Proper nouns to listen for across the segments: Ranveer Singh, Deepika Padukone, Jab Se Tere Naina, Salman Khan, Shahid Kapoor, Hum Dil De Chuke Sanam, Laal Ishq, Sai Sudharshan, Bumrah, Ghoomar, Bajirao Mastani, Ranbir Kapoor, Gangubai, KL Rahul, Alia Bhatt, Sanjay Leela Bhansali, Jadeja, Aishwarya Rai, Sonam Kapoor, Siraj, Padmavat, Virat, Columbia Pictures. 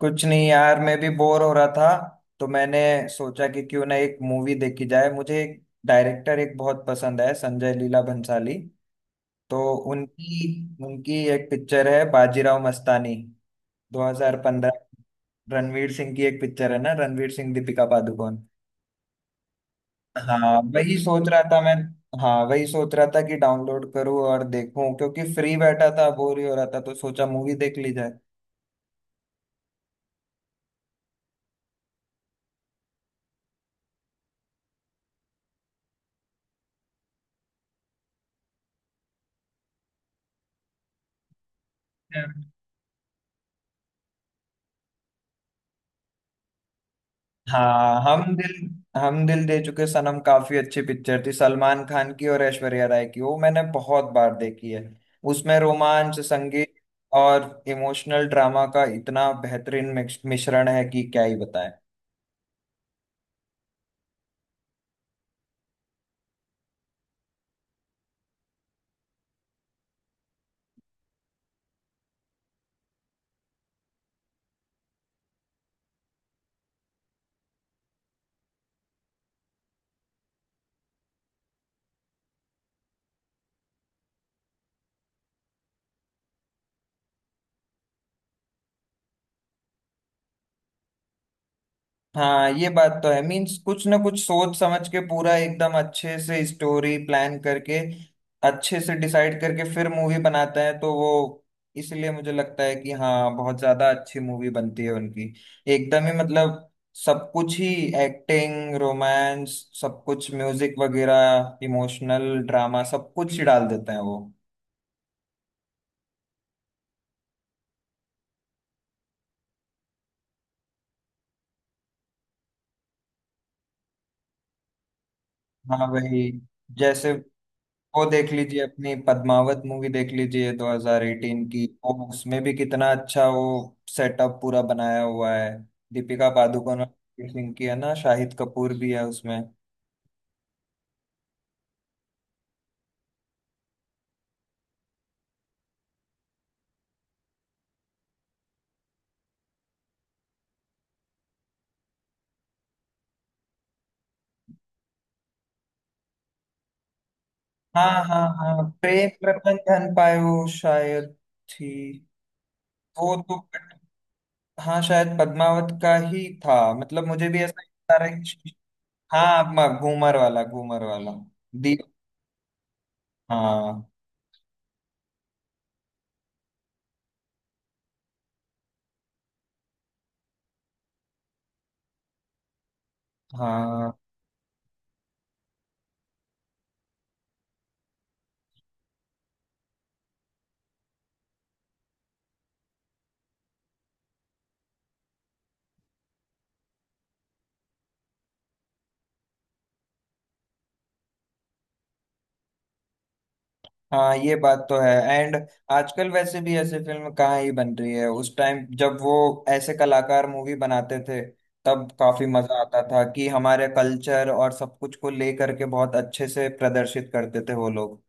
कुछ नहीं यार, मैं भी बोर हो रहा था तो मैंने सोचा कि क्यों ना एक मूवी देखी जाए। मुझे एक डायरेक्टर एक बहुत पसंद है, संजय लीला भंसाली। तो उनकी उनकी एक पिक्चर है बाजीराव मस्तानी 2015। रणवीर सिंह की एक पिक्चर है ना, रणवीर सिंह, दीपिका पादुकोण। हाँ वही सोच रहा था मैं। हाँ वही सोच रहा था कि डाउनलोड करूँ और देखूं, क्योंकि फ्री बैठा था, बोर ही हो रहा था, तो सोचा मूवी देख ली जाए। हाँ, हम दिल दे चुके सनम काफी अच्छी पिक्चर थी, सलमान खान की और ऐश्वर्या राय की। वो मैंने बहुत बार देखी है। उसमें रोमांच, संगीत और इमोशनल ड्रामा का इतना बेहतरीन मिश्रण है कि क्या ही बताएं। हाँ, ये बात तो है। मीन्स कुछ ना कुछ सोच समझ के, पूरा एकदम अच्छे से स्टोरी प्लान करके, अच्छे से डिसाइड करके फिर मूवी बनाते हैं, तो वो इसलिए मुझे लगता है कि हाँ, बहुत ज्यादा अच्छी मूवी बनती है उनकी। एकदम ही मतलब सब कुछ ही, एक्टिंग, रोमांस, सब कुछ, म्यूजिक वगैरह, इमोशनल ड्रामा, सब कुछ ही डाल देते हैं वो। हाँ वही, जैसे वो देख लीजिए अपनी पद्मावत मूवी देख लीजिए 2018 की, वो उसमें भी कितना अच्छा वो सेटअप पूरा बनाया हुआ है। दीपिका पादुकोण और रणवीर सिंह की है ना, शाहिद कपूर भी है उसमें। हाँ, हाँ, हाँ, प्रेम रतन धन पायो शायद थी। वो तो, हाँ शायद पद्मावत का ही था। मतलब मुझे भी ऐसा सारा, हाँ, घूमर वाला दी हाँ, हाँ, हाँ। ये बात तो है। एंड आजकल वैसे भी ऐसे फिल्म कहाँ ही बन रही है। उस टाइम जब वो ऐसे कलाकार मूवी बनाते थे, तब काफी मजा आता था कि हमारे कल्चर और सब कुछ को ले करके बहुत अच्छे से प्रदर्शित करते थे वो लोग।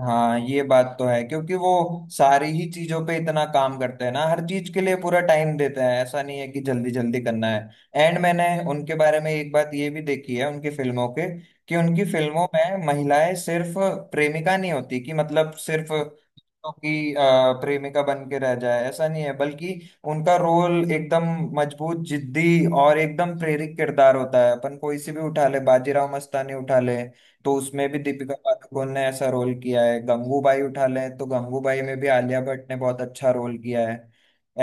हाँ, ये बात तो है, क्योंकि वो सारी ही चीजों पे इतना काम करते हैं ना, हर चीज के लिए पूरा टाइम देते हैं। ऐसा नहीं है कि जल्दी जल्दी करना है। एंड मैंने उनके बारे में एक बात ये भी देखी है उनकी फिल्मों के, कि उनकी फिल्मों में महिलाएं सिर्फ प्रेमिका नहीं होती, कि मतलब सिर्फ कि प्रेमिका बन के रह जाए, ऐसा नहीं है, बल्कि उनका रोल एकदम मजबूत, जिद्दी और एकदम प्रेरक किरदार होता है। अपन कोई सी भी उठा ले, बाजीराव मस्तानी उठा ले तो उसमें भी दीपिका पादुकोण ने ऐसा रोल किया है, गंगूबाई उठा ले तो गंगूबाई में भी आलिया भट्ट ने बहुत अच्छा रोल किया है।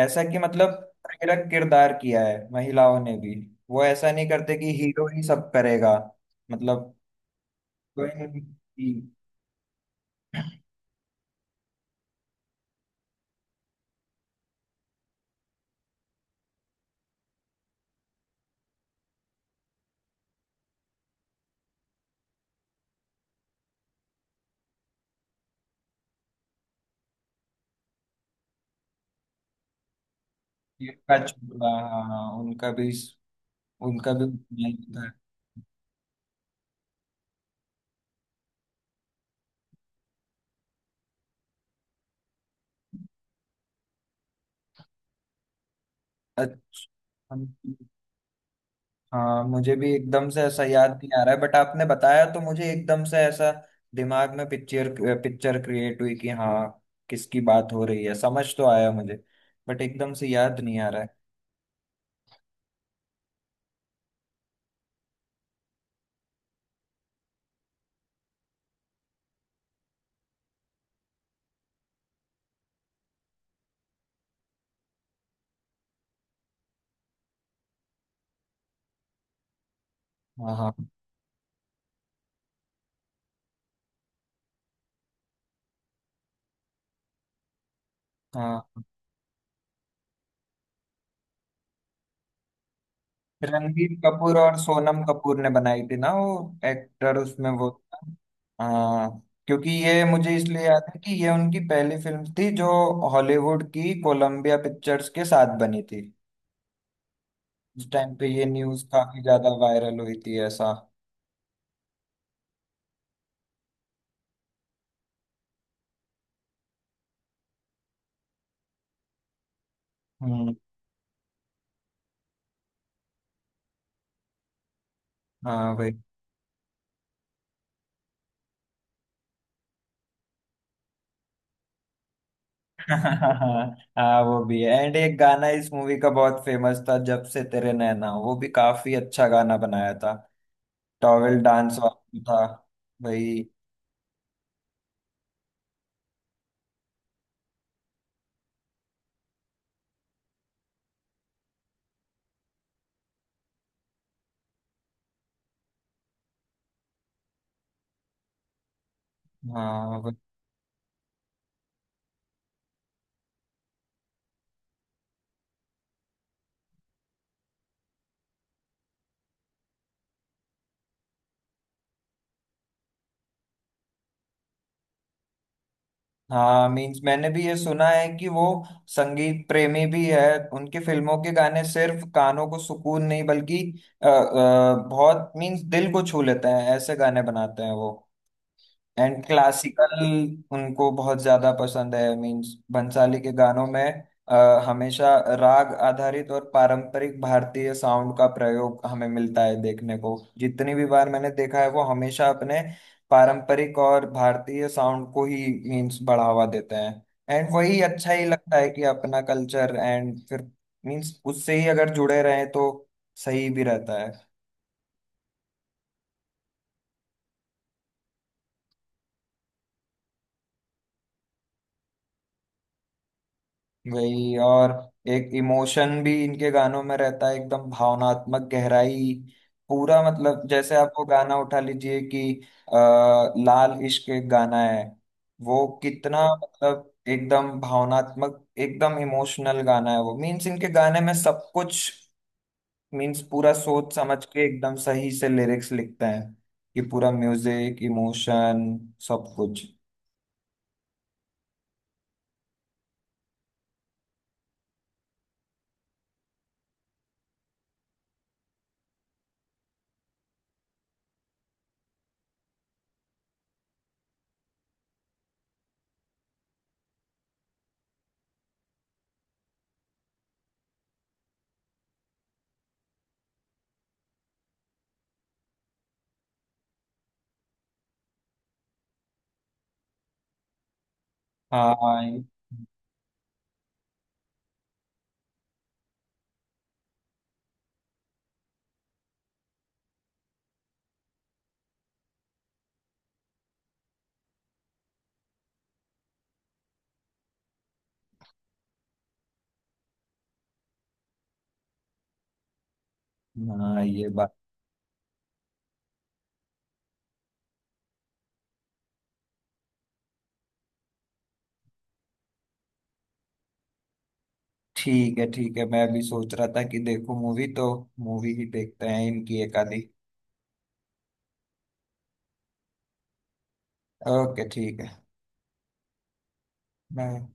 ऐसा कि मतलब प्रेरक किरदार किया है महिलाओं ने भी। वो ऐसा नहीं करते कि हीरो ही सब करेगा। मतलब कोई नहीं, कि उनका छोड़ा, हाँ, हाँ, उनका भी नहीं होता है। अच्छा, हाँ, मुझे भी एकदम से ऐसा याद नहीं आ रहा है, बट आपने बताया तो मुझे एकदम से ऐसा दिमाग में पिक्चर पिक्चर क्रिएट हुई कि हाँ, किसकी बात हो रही है समझ तो आया मुझे, बट एकदम से याद नहीं आ रहा है। हाँ, हाँ, हाँ, रणबीर कपूर और सोनम कपूर ने बनाई थी ना वो, एक्टर उसमें वो था। हाँ, क्योंकि ये मुझे इसलिए याद है कि ये उनकी पहली फिल्म थी जो हॉलीवुड की कोलंबिया पिक्चर्स के साथ बनी थी। उस टाइम पे ये न्यूज काफी ज्यादा वायरल हुई थी ऐसा। हम्म। हाँ भाई। हाँ, वो भी है। एंड एक गाना इस मूवी का बहुत फेमस था, जब से तेरे नैना, वो भी काफी अच्छा गाना बनाया था, टॉवेल डांस वाला था भाई। हाँ, हाँ, मीन्स मैंने भी ये सुना है कि वो संगीत प्रेमी भी है। उनकी फिल्मों के गाने सिर्फ कानों को सुकून नहीं, बल्कि बहुत मीन्स दिल को छू लेते हैं, ऐसे गाने बनाते हैं वो। एंड क्लासिकल उनको बहुत ज्यादा पसंद है। मीन्स बंसाली के गानों में अ, हमेशा राग आधारित और पारंपरिक भारतीय साउंड का प्रयोग हमें मिलता है देखने को। जितनी भी बार मैंने देखा है वो हमेशा अपने पारंपरिक और भारतीय साउंड को ही मीन्स बढ़ावा देते हैं। एंड वही अच्छा ही लगता है कि अपना कल्चर, एंड फिर मीन्स उससे ही अगर जुड़े रहें तो सही भी रहता है। वही, और एक इमोशन भी इनके गानों में रहता है, एकदम भावनात्मक गहराई। पूरा मतलब जैसे आप वो गाना उठा लीजिए कि आ, लाल इश्क एक गाना है, वो कितना मतलब एकदम भावनात्मक, एकदम इमोशनल गाना है वो। मीन्स इनके गाने में सब कुछ, मीन्स पूरा सोच समझ के एकदम सही से लिरिक्स लिखते हैं कि पूरा म्यूजिक, इमोशन, सब कुछ। हाँ, हाँ, ये बात ठीक है। ठीक है, मैं अभी सोच रहा था कि देखो, मूवी तो मूवी ही देखते हैं इनकी एक आधी। ओके, ठीक है। बाय।